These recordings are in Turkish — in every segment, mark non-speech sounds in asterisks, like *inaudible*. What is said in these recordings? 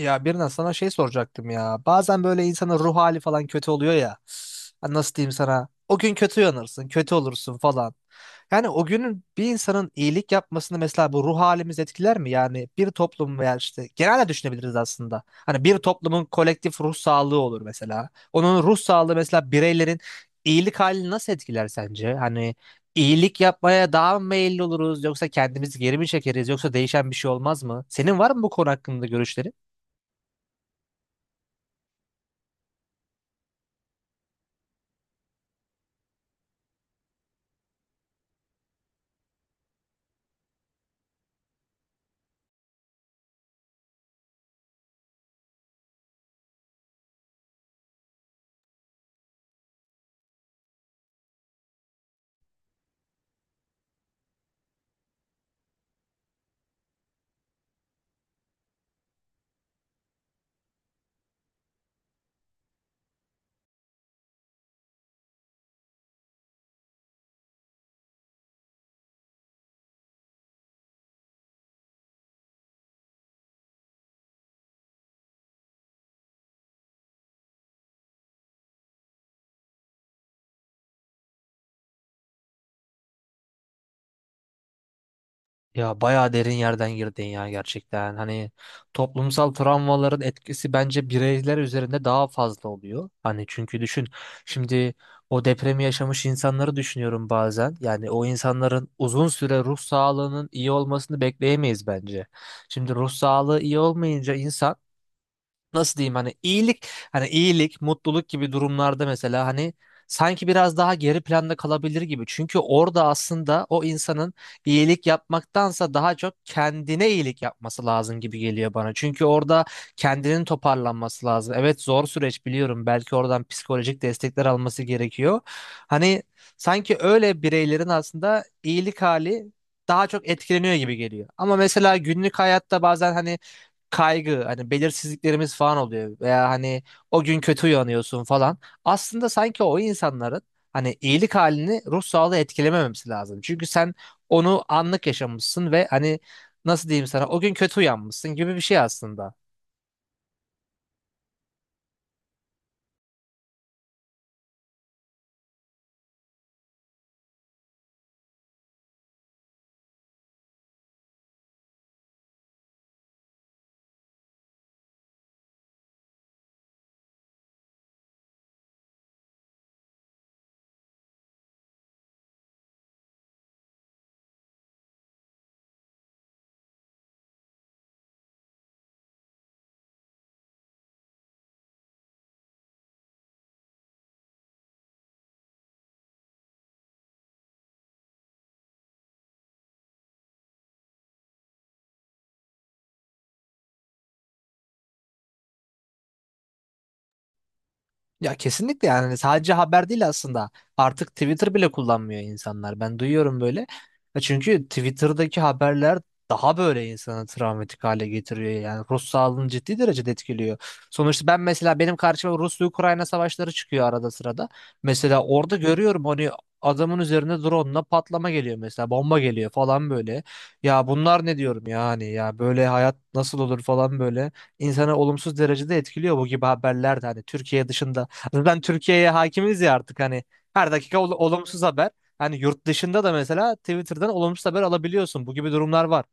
Ya birine sana şey soracaktım ya. Bazen böyle insanın ruh hali falan kötü oluyor ya. Ha, nasıl diyeyim sana? O gün kötü yanırsın, kötü olursun falan. Yani o günün bir insanın iyilik yapmasını mesela bu ruh halimiz etkiler mi? Yani bir toplum veya işte genelde düşünebiliriz aslında. Hani bir toplumun kolektif ruh sağlığı olur mesela. Onun ruh sağlığı mesela bireylerin iyilik halini nasıl etkiler sence? Hani iyilik yapmaya daha mı meyilli oluruz yoksa kendimizi geri mi çekeriz yoksa değişen bir şey olmaz mı? Senin var mı bu konu hakkında görüşlerin? Ya bayağı derin yerden girdin ya gerçekten. Hani toplumsal travmaların etkisi bence bireyler üzerinde daha fazla oluyor. Hani çünkü düşün şimdi o depremi yaşamış insanları düşünüyorum bazen. Yani o insanların uzun süre ruh sağlığının iyi olmasını bekleyemeyiz bence. Şimdi ruh sağlığı iyi olmayınca insan nasıl diyeyim hani iyilik hani iyilik, mutluluk gibi durumlarda mesela hani sanki biraz daha geri planda kalabilir gibi. Çünkü orada aslında o insanın iyilik yapmaktansa daha çok kendine iyilik yapması lazım gibi geliyor bana. Çünkü orada kendinin toparlanması lazım. Evet, zor süreç biliyorum. Belki oradan psikolojik destekler alması gerekiyor. Hani sanki öyle bireylerin aslında iyilik hali daha çok etkileniyor gibi geliyor. Ama mesela günlük hayatta bazen hani kaygı hani belirsizliklerimiz falan oluyor veya hani o gün kötü uyanıyorsun falan. Aslında sanki o insanların hani iyilik halini ruh sağlığı etkilememesi lazım. Çünkü sen onu anlık yaşamışsın ve hani nasıl diyeyim sana, o gün kötü uyanmışsın gibi bir şey aslında. Ya kesinlikle, yani hani sadece haber değil aslında. Artık Twitter bile kullanmıyor insanlar. Ben duyuyorum böyle. Ya çünkü Twitter'daki haberler daha böyle insanı travmatik hale getiriyor. Yani ruh sağlığını ciddi derecede etkiliyor. Sonuçta ben mesela benim karşıma Rusya-Ukrayna savaşları çıkıyor arada sırada. Mesela orada görüyorum hani adamın üzerine drone'la patlama geliyor mesela, bomba geliyor falan böyle. Ya bunlar ne diyorum yani, ya böyle hayat nasıl olur falan böyle. İnsanı olumsuz derecede etkiliyor bu gibi haberler de, hani Türkiye dışında. Zaten Türkiye'ye hakimiz ya artık hani her dakika olumsuz haber. Hani yurt dışında da mesela Twitter'dan olumsuz haber alabiliyorsun. Bu gibi durumlar var.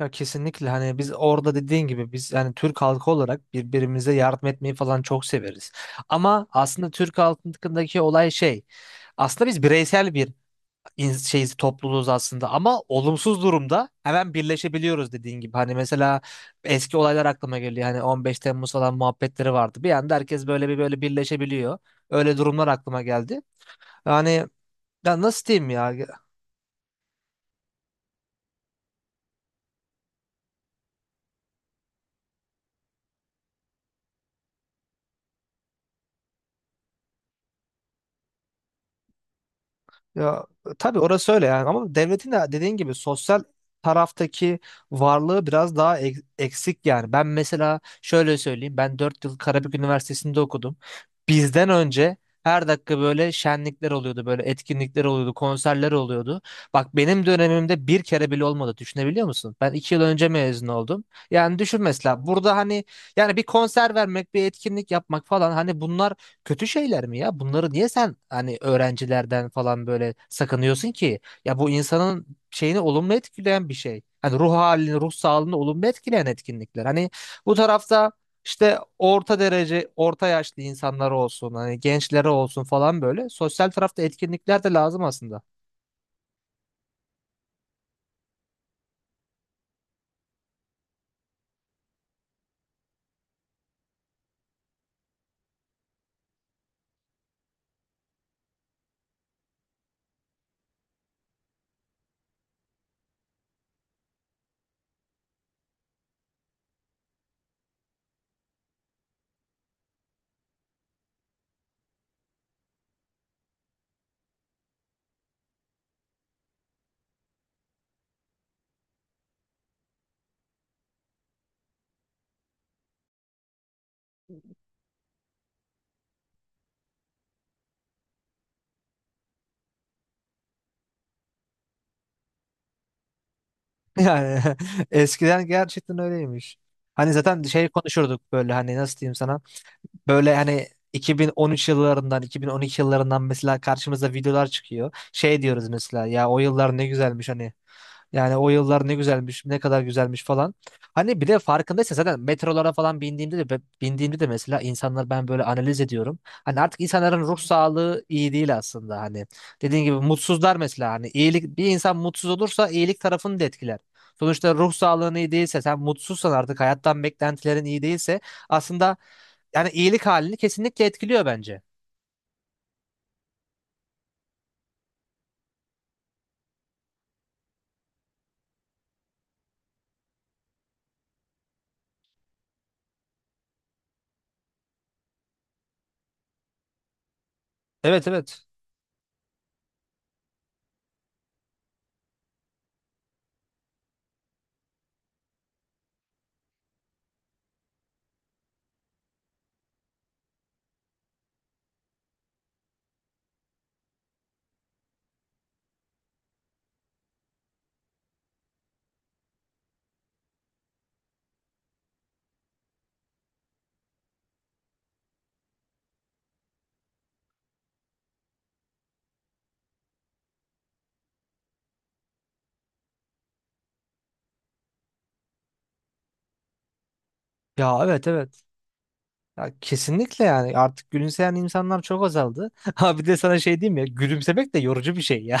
Ya kesinlikle, hani biz orada dediğin gibi, biz yani Türk halkı olarak birbirimize yardım etmeyi falan çok severiz. Ama aslında Türk halkındaki olay şey, aslında biz bireysel bir şey topluluğuz aslında, ama olumsuz durumda hemen birleşebiliyoruz dediğin gibi. Hani mesela eski olaylar aklıma geliyor. Hani 15 Temmuz falan muhabbetleri vardı. Bir anda herkes böyle böyle birleşebiliyor. Öyle durumlar aklıma geldi. Yani, ya nasıl diyeyim ya? Ya tabii, orası öyle yani, ama devletin de dediğin gibi sosyal taraftaki varlığı biraz daha eksik yani. Ben mesela şöyle söyleyeyim. Ben 4 yıl Karabük Üniversitesi'nde okudum. Bizden önce her dakika böyle şenlikler oluyordu, böyle etkinlikler oluyordu, konserler oluyordu. Bak benim dönemimde bir kere bile olmadı. Düşünebiliyor musun? Ben 2 yıl önce mezun oldum. Yani düşün mesela, burada hani yani bir konser vermek, bir etkinlik yapmak falan, hani bunlar kötü şeyler mi ya? Bunları niye sen hani öğrencilerden falan böyle sakınıyorsun ki? Ya bu insanın şeyini olumlu etkileyen bir şey. Hani ruh halini, ruh sağlığını olumlu etkileyen etkinlikler. Hani bu tarafta işte orta derece, orta yaşlı insanlar olsun, hani gençlere olsun falan böyle. Sosyal tarafta etkinlikler de lazım aslında. Yani *laughs* eskiden gerçekten öyleymiş. Hani zaten şey konuşurduk böyle, hani nasıl diyeyim sana? Böyle hani 2013 yıllarından, 2012 yıllarından mesela karşımıza videolar çıkıyor. Şey diyoruz mesela, ya o yıllar ne güzelmiş hani. Yani o yıllar ne güzelmiş, ne kadar güzelmiş falan. Hani bir de farkındaysan zaten metrolara falan bindiğimde de mesela insanlar, ben böyle analiz ediyorum. Hani artık insanların ruh sağlığı iyi değil aslında hani. Dediğin gibi mutsuzlar mesela, hani iyilik, bir insan mutsuz olursa iyilik tarafını da etkiler. Sonuçta ruh sağlığın iyi değilse, sen mutsuzsan, artık hayattan beklentilerin iyi değilse, aslında yani iyilik halini kesinlikle etkiliyor bence. Evet, evet. Ya evet, evet. Ya kesinlikle, yani artık gülümseyen insanlar çok azaldı. *laughs* Ha bir de sana şey diyeyim ya, gülümsemek de yorucu bir şey ya.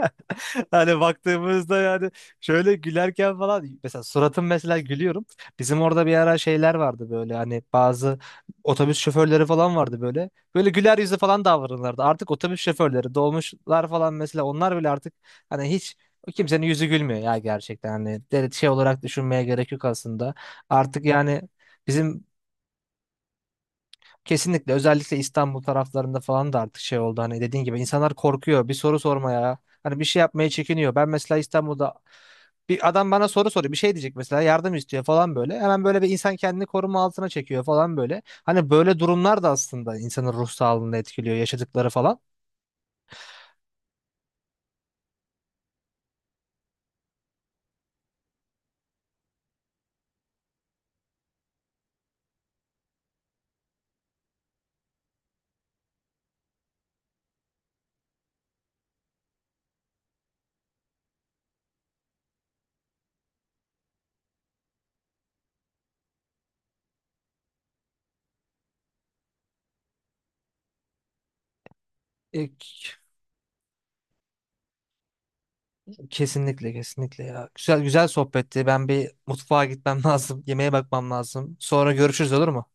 *laughs* Hani baktığımızda yani şöyle gülerken falan, mesela suratım mesela gülüyorum. Bizim orada bir ara şeyler vardı böyle, hani bazı otobüs şoförleri falan vardı böyle. Böyle güler yüzü falan davranırlardı. Artık otobüs şoförleri, dolmuşlar falan, mesela onlar bile artık hani hiç kimsenin yüzü gülmüyor ya gerçekten, hani şey olarak düşünmeye gerek yok aslında. Artık yani bizim. Kesinlikle, özellikle İstanbul taraflarında falan da artık şey oldu, hani dediğin gibi insanlar korkuyor bir soru sormaya, hani bir şey yapmaya çekiniyor. Ben mesela İstanbul'da bir adam bana soru soruyor, bir şey diyecek mesela, yardım istiyor falan böyle, hemen böyle bir insan kendini koruma altına çekiyor falan böyle. Hani böyle durumlar da aslında insanın ruh sağlığını etkiliyor, yaşadıkları falan. E, k- Kesinlikle, kesinlikle ya, güzel güzel sohbetti, ben bir mutfağa gitmem *laughs* lazım, yemeğe bakmam lazım, sonra görüşürüz olur mu?